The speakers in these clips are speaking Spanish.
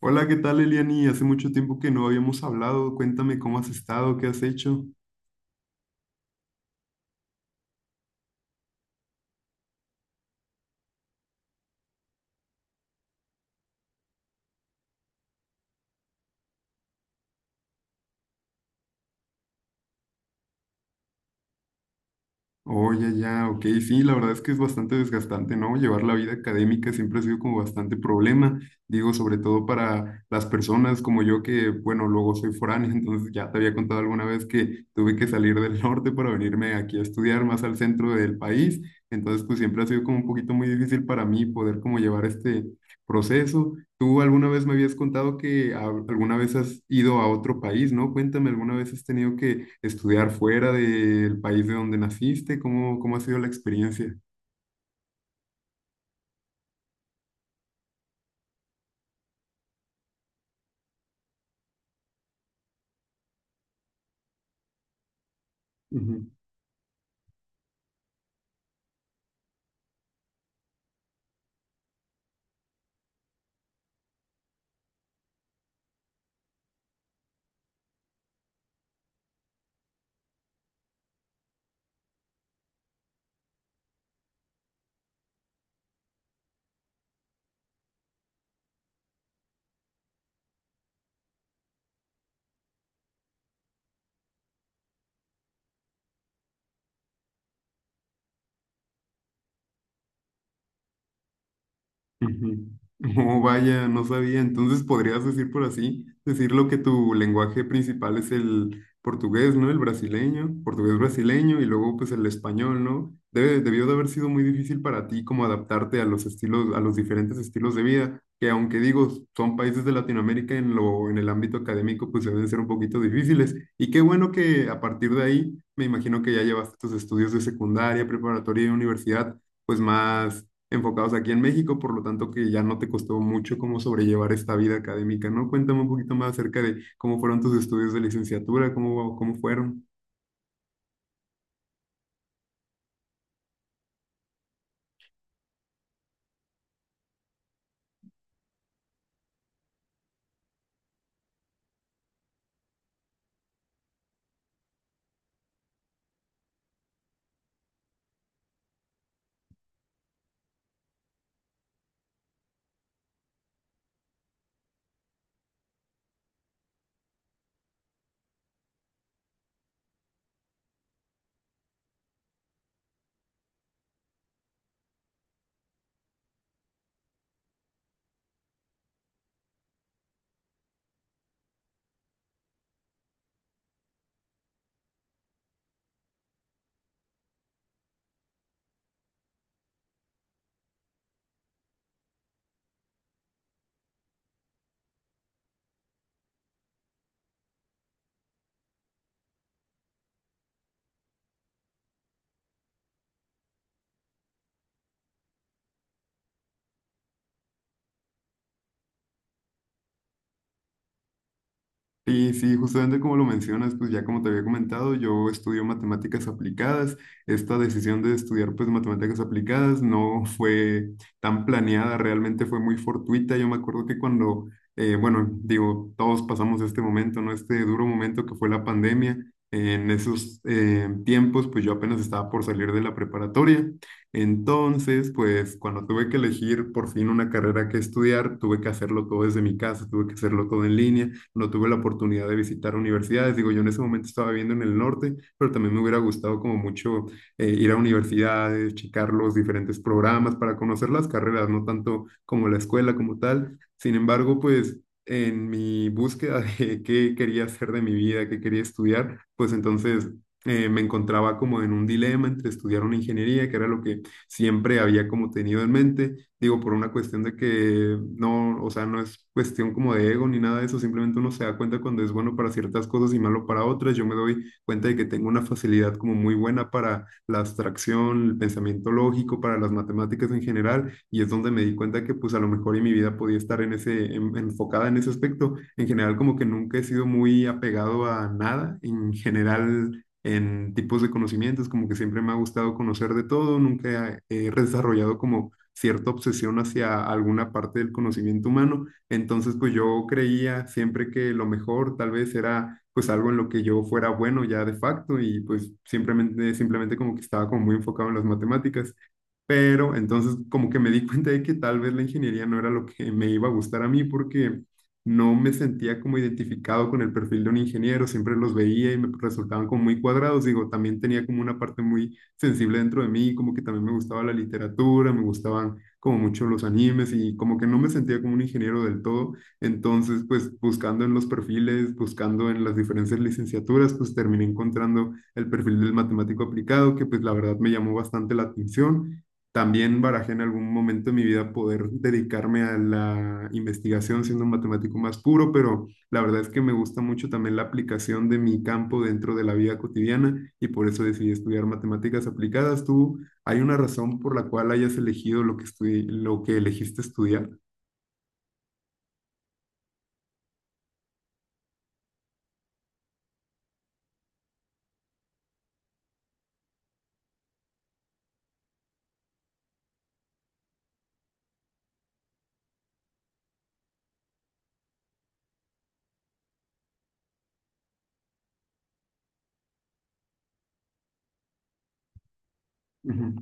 Hola, ¿qué tal, Eliani? Hace mucho tiempo que no habíamos hablado. Cuéntame cómo has estado, qué has hecho. Oye, ya, ok, sí, la verdad es que es bastante desgastante, ¿no? Llevar la vida académica siempre ha sido como bastante problema, digo, sobre todo para las personas como yo que, bueno, luego soy foráneo, entonces ya te había contado alguna vez que tuve que salir del norte para venirme aquí a estudiar más al centro del país, entonces pues siempre ha sido como un poquito muy difícil para mí poder como llevar este proceso. Tú alguna vez me habías contado que alguna vez has ido a otro país, ¿no? Cuéntame, ¿alguna vez has tenido que estudiar fuera del país de donde naciste? ¿Cómo ha sido la experiencia? Ujú. Oh, vaya, no sabía. Entonces podrías decir por así, decirlo que tu lenguaje principal es el portugués, ¿no? El brasileño, portugués brasileño y luego pues el español, ¿no? Debe, debió de haber sido muy difícil para ti como adaptarte a los estilos, a los diferentes estilos de vida, que aunque digo, son países de Latinoamérica en lo, en el ámbito académico, pues deben ser un poquito difíciles. Y qué bueno que a partir de ahí, me imagino que ya llevaste tus estudios de secundaria, preparatoria y universidad, pues más enfocados aquí en México, por lo tanto que ya no te costó mucho cómo sobrellevar esta vida académica, ¿no? Cuéntame un poquito más acerca de cómo fueron tus estudios de licenciatura, cómo fueron. Sí, sí, justamente como lo mencionas, pues ya como te había comentado, yo estudio matemáticas aplicadas. Esta decisión de estudiar pues matemáticas aplicadas no fue tan planeada, realmente fue muy fortuita. Yo me acuerdo que cuando, bueno, digo, todos pasamos este momento, ¿no? Este duro momento que fue la pandemia. En esos tiempos, pues yo apenas estaba por salir de la preparatoria. Entonces, pues cuando tuve que elegir por fin una carrera que estudiar, tuve que hacerlo todo desde mi casa, tuve que hacerlo todo en línea no tuve la oportunidad de visitar universidades. Digo, yo en ese momento estaba viviendo en el norte, pero también me hubiera gustado como mucho ir a universidades, checar los diferentes programas para conocer las carreras, no tanto como la escuela como tal. Sin embargo, pues en mi búsqueda de qué quería hacer de mi vida, qué quería estudiar, pues entonces me encontraba como en un dilema entre estudiar una ingeniería, que era lo que siempre había como tenido en mente. Digo, por una cuestión de que no, o sea, no es cuestión como de ego ni nada de eso, simplemente uno se da cuenta cuando es bueno para ciertas cosas y malo para otras. Yo me doy cuenta de que tengo una facilidad como muy buena para la abstracción, el pensamiento lógico, para las matemáticas en general, y es donde me di cuenta que pues a lo mejor en mi vida podía estar en ese, enfocada en ese aspecto. En general como que nunca he sido muy apegado a nada, en general en tipos de conocimientos, como que siempre me ha gustado conocer de todo, nunca he desarrollado como cierta obsesión hacia alguna parte del conocimiento humano. Entonces, pues yo creía siempre que lo mejor tal vez era pues algo en lo que yo fuera bueno ya de facto y pues simplemente como que estaba como muy enfocado en las matemáticas. Pero entonces como que me di cuenta de que tal vez la ingeniería no era lo que me iba a gustar a mí porque no me sentía como identificado con el perfil de un ingeniero, siempre los veía y me resultaban como muy cuadrados, digo, también tenía como una parte muy sensible dentro de mí, como que también me gustaba la literatura, me gustaban como mucho los animes y como que no me sentía como un ingeniero del todo, entonces pues buscando en los perfiles, buscando en las diferentes licenciaturas, pues terminé encontrando el perfil del matemático aplicado, que pues la verdad me llamó bastante la atención. También barajé en algún momento de mi vida poder dedicarme a la investigación siendo un matemático más puro, pero la verdad es que me gusta mucho también la aplicación de mi campo dentro de la vida cotidiana y por eso decidí estudiar matemáticas aplicadas. ¿Tú hay una razón por la cual hayas elegido lo que lo que elegiste estudiar? Ujú.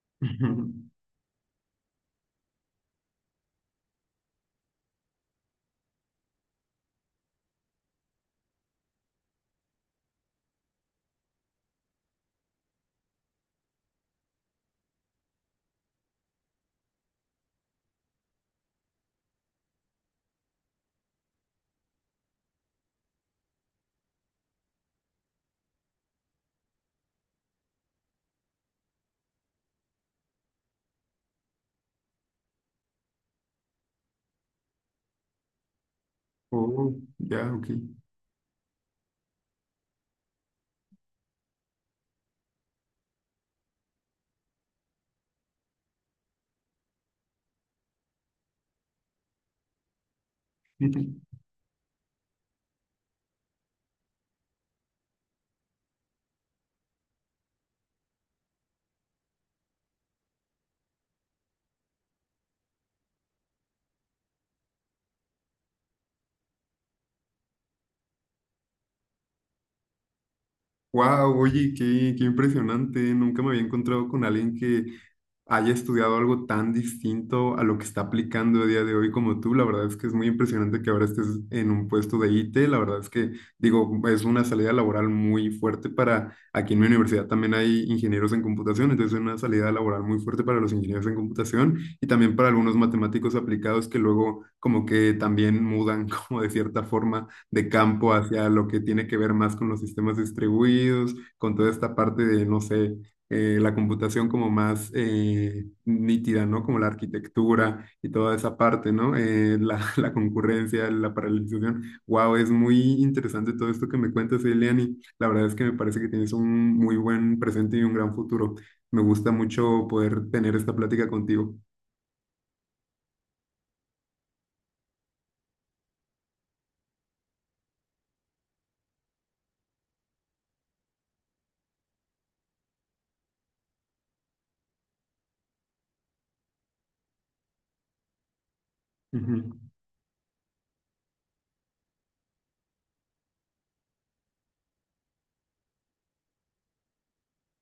Ujú. Oh, ya, ok. Wow, oye, qué impresionante. Nunca me había encontrado con alguien que haya estudiado algo tan distinto a lo que está aplicando a día de hoy como tú. La verdad es que es muy impresionante que ahora estés en un puesto de IT. La verdad es que, digo, es una salida laboral muy fuerte para, aquí en mi universidad también hay ingenieros en computación, entonces es una salida laboral muy fuerte para los ingenieros en computación y también para algunos matemáticos aplicados que luego como que también mudan como de cierta forma de campo hacia lo que tiene que ver más con los sistemas distribuidos, con toda esta parte de, no sé, la computación como más nítida, ¿no? Como la arquitectura y toda esa parte, ¿no? La concurrencia, la paralelización. Wow, es muy interesante todo esto que me cuentas, Eliani. La verdad es que me parece que tienes un muy buen presente y un gran futuro. Me gusta mucho poder tener esta plática contigo. Ujú.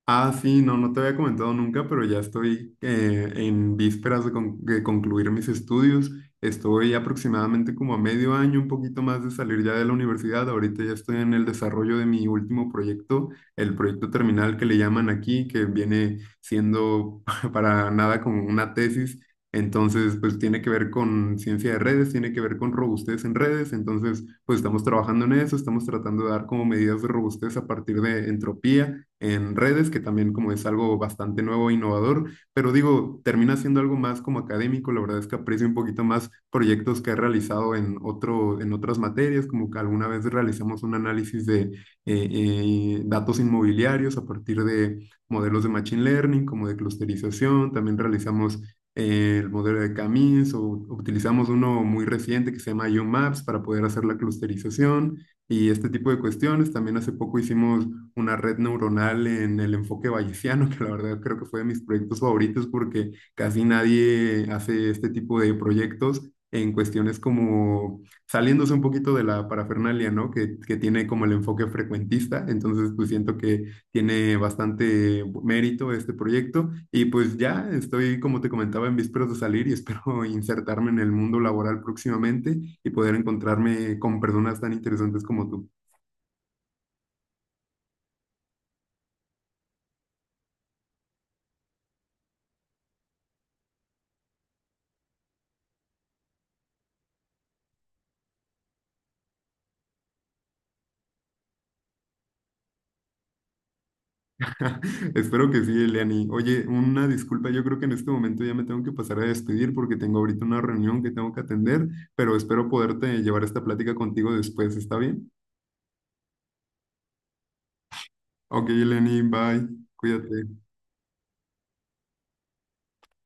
Ah, sí, no, no te había comentado nunca, pero ya estoy en vísperas de, de concluir mis estudios. Estoy aproximadamente como a medio año, un poquito más de salir ya de la universidad. Ahorita ya estoy en el desarrollo de mi último proyecto, el proyecto terminal que le llaman aquí, que viene siendo para nada como una tesis, entonces, pues tiene que ver con ciencia de redes, tiene que ver con robustez en redes. Entonces, pues estamos trabajando en eso, estamos tratando de dar como medidas de robustez a partir de entropía en redes, que también como es algo bastante nuevo e innovador. Pero digo, termina siendo algo más como académico. La verdad es que aprecio un poquito más proyectos que he realizado en otro, en otras materias, como que alguna vez realizamos un análisis de datos inmobiliarios a partir de modelos de machine learning, como de clusterización. También realizamos el modelo de camis o utilizamos uno muy reciente que se llama UMaps para poder hacer la clusterización y este tipo de cuestiones. También hace poco hicimos una red neuronal en el enfoque bayesiano, que la verdad creo que fue de mis proyectos favoritos porque casi nadie hace este tipo de proyectos en cuestiones como saliéndose un poquito de la parafernalia, ¿no? Que tiene como el enfoque frecuentista. Entonces, pues siento que tiene bastante mérito este proyecto y pues ya estoy, como te comentaba, en vísperas de salir y espero insertarme en el mundo laboral próximamente y poder encontrarme con personas tan interesantes como tú. Espero que sí, Eliani. Oye, una disculpa, yo creo que en este momento ya me tengo que pasar a despedir porque tengo ahorita una reunión que tengo que atender, pero espero poderte llevar esta plática contigo después, ¿está bien? Ok, Eliani, bye, cuídate.